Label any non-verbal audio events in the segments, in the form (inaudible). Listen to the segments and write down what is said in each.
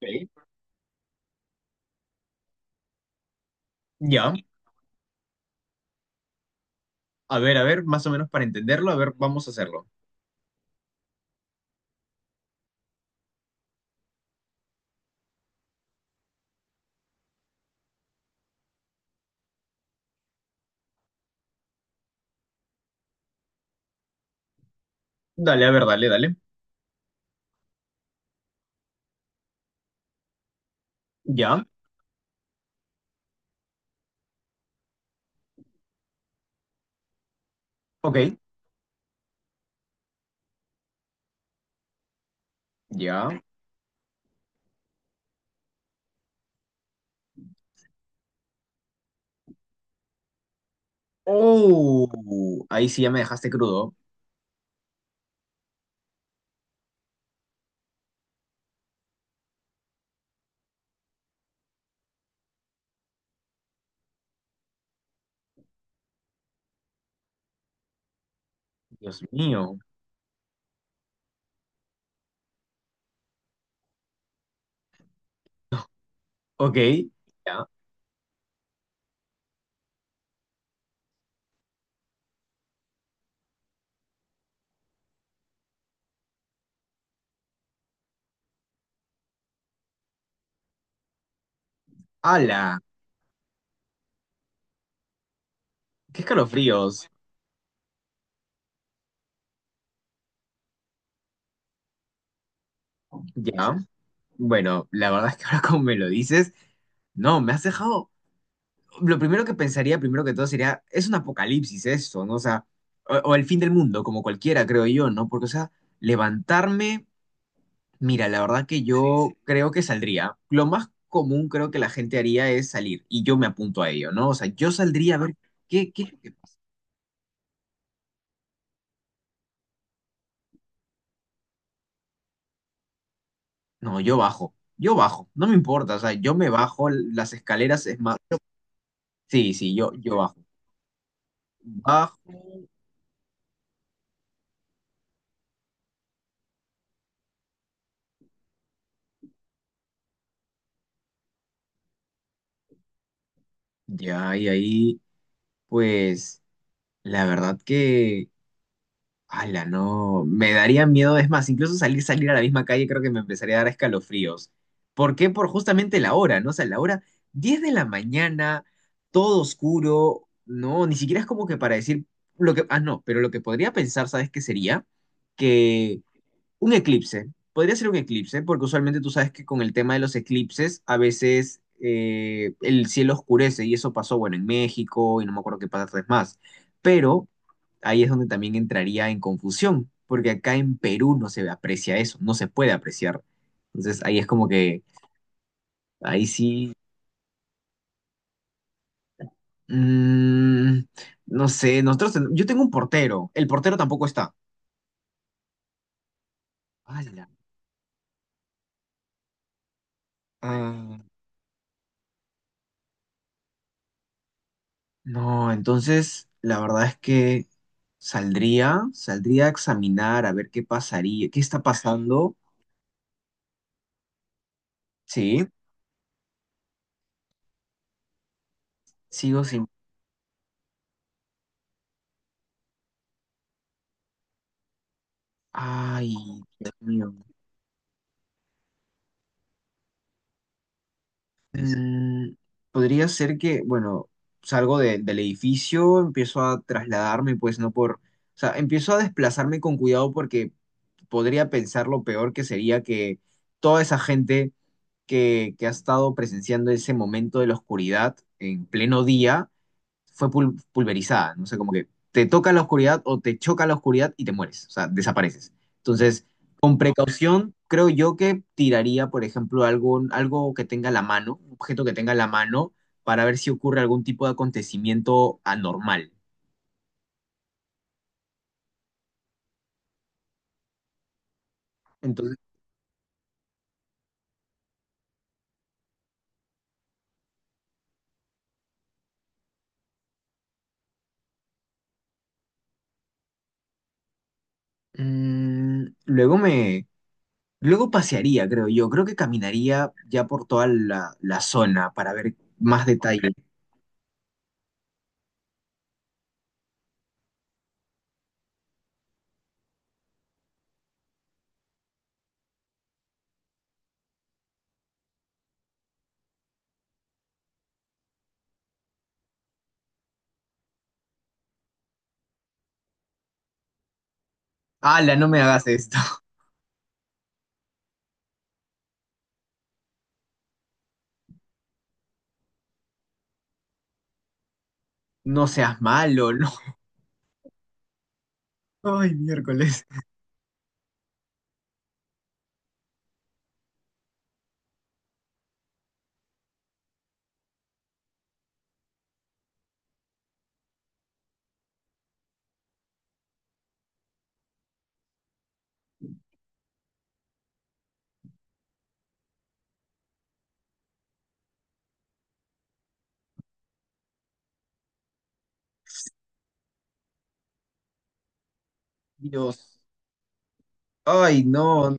Ok. Ya, a ver, más o menos para entenderlo, a ver, vamos a hacerlo. Dale, a ver, dale, dale. Ya, ok, ya. Oh, ahí sí ya me dejaste crudo. Dios mío. Ok, ya. ¡Hala! ¡Qué escalofríos! Ya. Bueno, la verdad es que (laughs) ahora como me lo dices, no, me has dejado. Lo primero que pensaría, primero que todo, sería, es un apocalipsis esto, ¿no? O sea, o el fin del mundo, como cualquiera, creo yo, ¿no? Porque, o sea, levantarme. Mira, la verdad que sí, yo sí creo que saldría. Lo más común creo que la gente haría es salir y yo me apunto a ello, ¿no? O sea, yo saldría a ver qué, qué, qué- No, yo bajo, no me importa, o sea, yo me bajo las escaleras, es más... Sí, sí, yo bajo. Bajo, ya, y ahí, pues, la verdad que... Ala, no, me daría miedo, es más, incluso salir, salir a la misma calle creo que me empezaría a dar escalofríos. ¿Por qué? Por justamente la hora, ¿no? O sea, la hora 10 de la mañana, todo oscuro, no, ni siquiera es como que para decir lo que, ah, no, pero lo que podría pensar, ¿sabes qué sería? Que un eclipse. Podría ser un eclipse, porque usualmente tú sabes que con el tema de los eclipses, a veces el cielo oscurece, y eso pasó, bueno, en México, y no me acuerdo qué pasa más. Pero ahí es donde también entraría en confusión, porque acá en Perú no se aprecia eso, no se puede apreciar. Entonces ahí es como que, ahí sí, mm, no sé, nosotros, yo tengo un portero, el portero tampoco está. ¡Hala! No, entonces la verdad es que saldría, saldría a examinar a ver qué pasaría, qué está pasando. Sí, sigo sin... Ay, Dios mío. Mm, podría ser que, bueno, salgo del edificio, empiezo a trasladarme, pues no por... O sea, empiezo a desplazarme con cuidado porque podría pensar lo peor que sería que toda esa gente que ha estado presenciando ese momento de la oscuridad en pleno día fue pulverizada, no sé, como que te toca la oscuridad o te choca la oscuridad y te mueres, o sea, desapareces. Entonces, con precaución, creo yo que tiraría, por ejemplo, algo que tenga la mano, un objeto que tenga la mano, para ver si ocurre algún tipo de acontecimiento anormal. Entonces, mm, luego me... Luego pasearía, creo yo. Creo que caminaría ya por toda la zona para ver más detalle. ¡Hala, no me hagas esto! (laughs) No seas malo, no. (laughs) Ay, miércoles. Dios. Ay, no.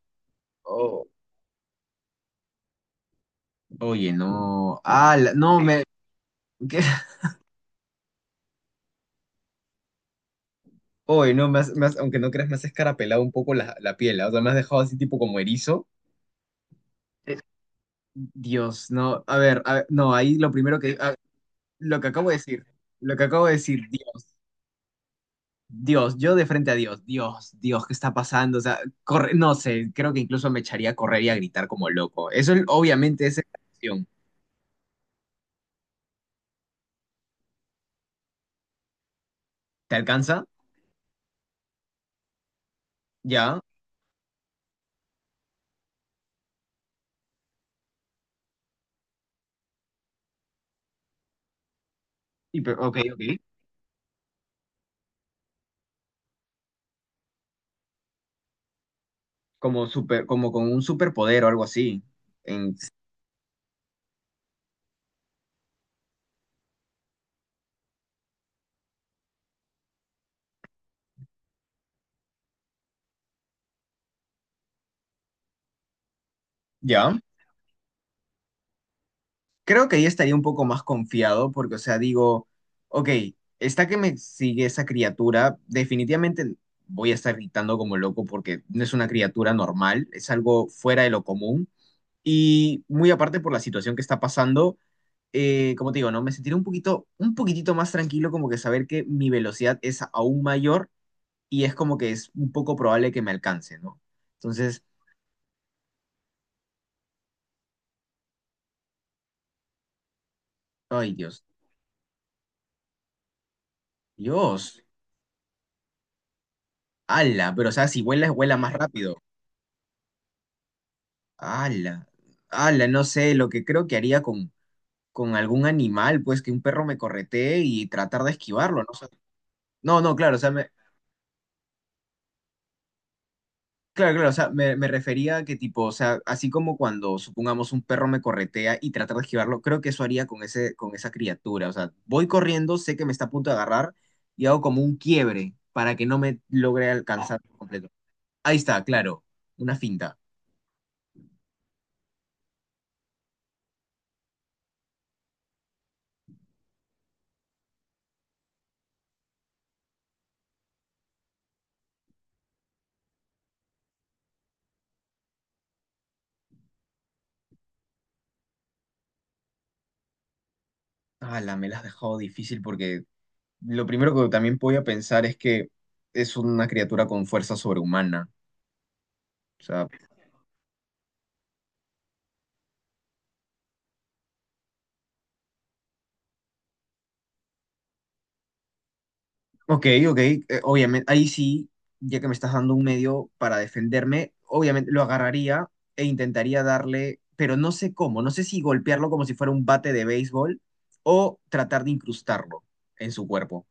Oh, oye, no. Ah, no, me. ¿Qué? (laughs) Oye, no, aunque no creas, me has escarapelado un poco la, la piel. ¿Ah? O sea, me has dejado así tipo como erizo. Eh, Dios, no. A ver, no, ahí lo primero que. Lo que acabo de decir. Lo que acabo de decir, Dios. Dios, yo de frente a Dios. Dios, Dios, ¿qué está pasando? O sea, corre, no sé, creo que incluso me echaría a correr y a gritar como loco. Eso obviamente es exageración. ¿Te alcanza? Ya. Y, ok, ok. Como super, como con un superpoder o algo así. En, ya. Creo que ahí estaría un poco más confiado porque, o sea, digo, ok, está que me sigue esa criatura, definitivamente voy a estar gritando como loco porque no es una criatura normal, es algo fuera de lo común. Y muy aparte por la situación que está pasando, como te digo, ¿no? Me sentiré un poquito, un poquitito más tranquilo como que saber que mi velocidad es aún mayor y es como que es un poco probable que me alcance, ¿no? Entonces, ay Dios, Dios, ala, pero o sea, si vuelas, vuela más rápido. Ala, ala, no sé, lo que creo que haría con algún animal, pues que un perro me corretee y tratar de esquivarlo, ¿no? O sea, no, no, claro, o sea, claro, claro, o sea, me refería a que tipo, o sea, así como cuando supongamos un perro me corretea y tratar de esquivarlo, creo que eso haría con ese, con esa criatura. O sea, voy corriendo, sé que me está a punto de agarrar y hago como un quiebre para que no me logre alcanzar por completo. Ahí está, claro, una finta. Ah, la me la has dejado difícil porque lo primero que también podía pensar es que es una criatura con fuerza sobrehumana. O sea, ok, obviamente, ahí sí, ya que me estás dando un medio para defenderme, obviamente lo agarraría e intentaría darle, pero no sé cómo, no sé si golpearlo como si fuera un bate de béisbol o tratar de incrustarlo en su cuerpo.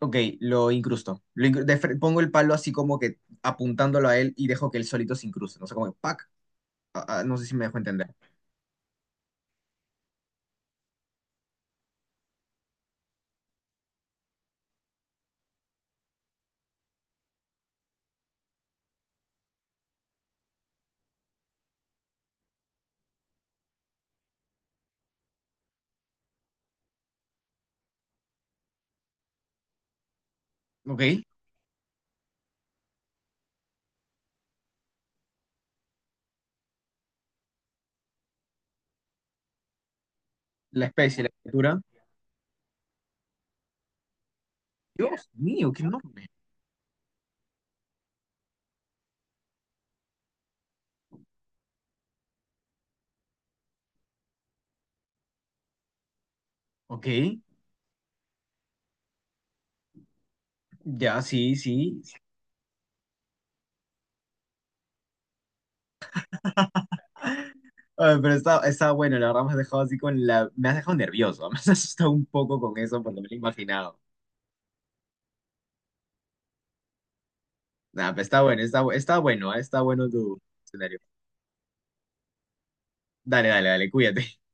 Ok, lo incrusto. Lo incru- de fre- Pongo el palo así como que apuntándolo a él y dejo que él solito se incruste. No sé cómo, ¡pac! No sé si me dejo entender. Ok, la especie, la criatura. Dios mío, qué enorme. Ok, ya, sí, sí. Ay, pero está, está bueno, la verdad me has dejado así con la... Me has dejado nervioso, (laughs) me has asustado un poco con eso porque me lo he imaginado. Nah, pero está bueno, está, está bueno, está bueno tu escenario. Dale, dale, dale, cuídate.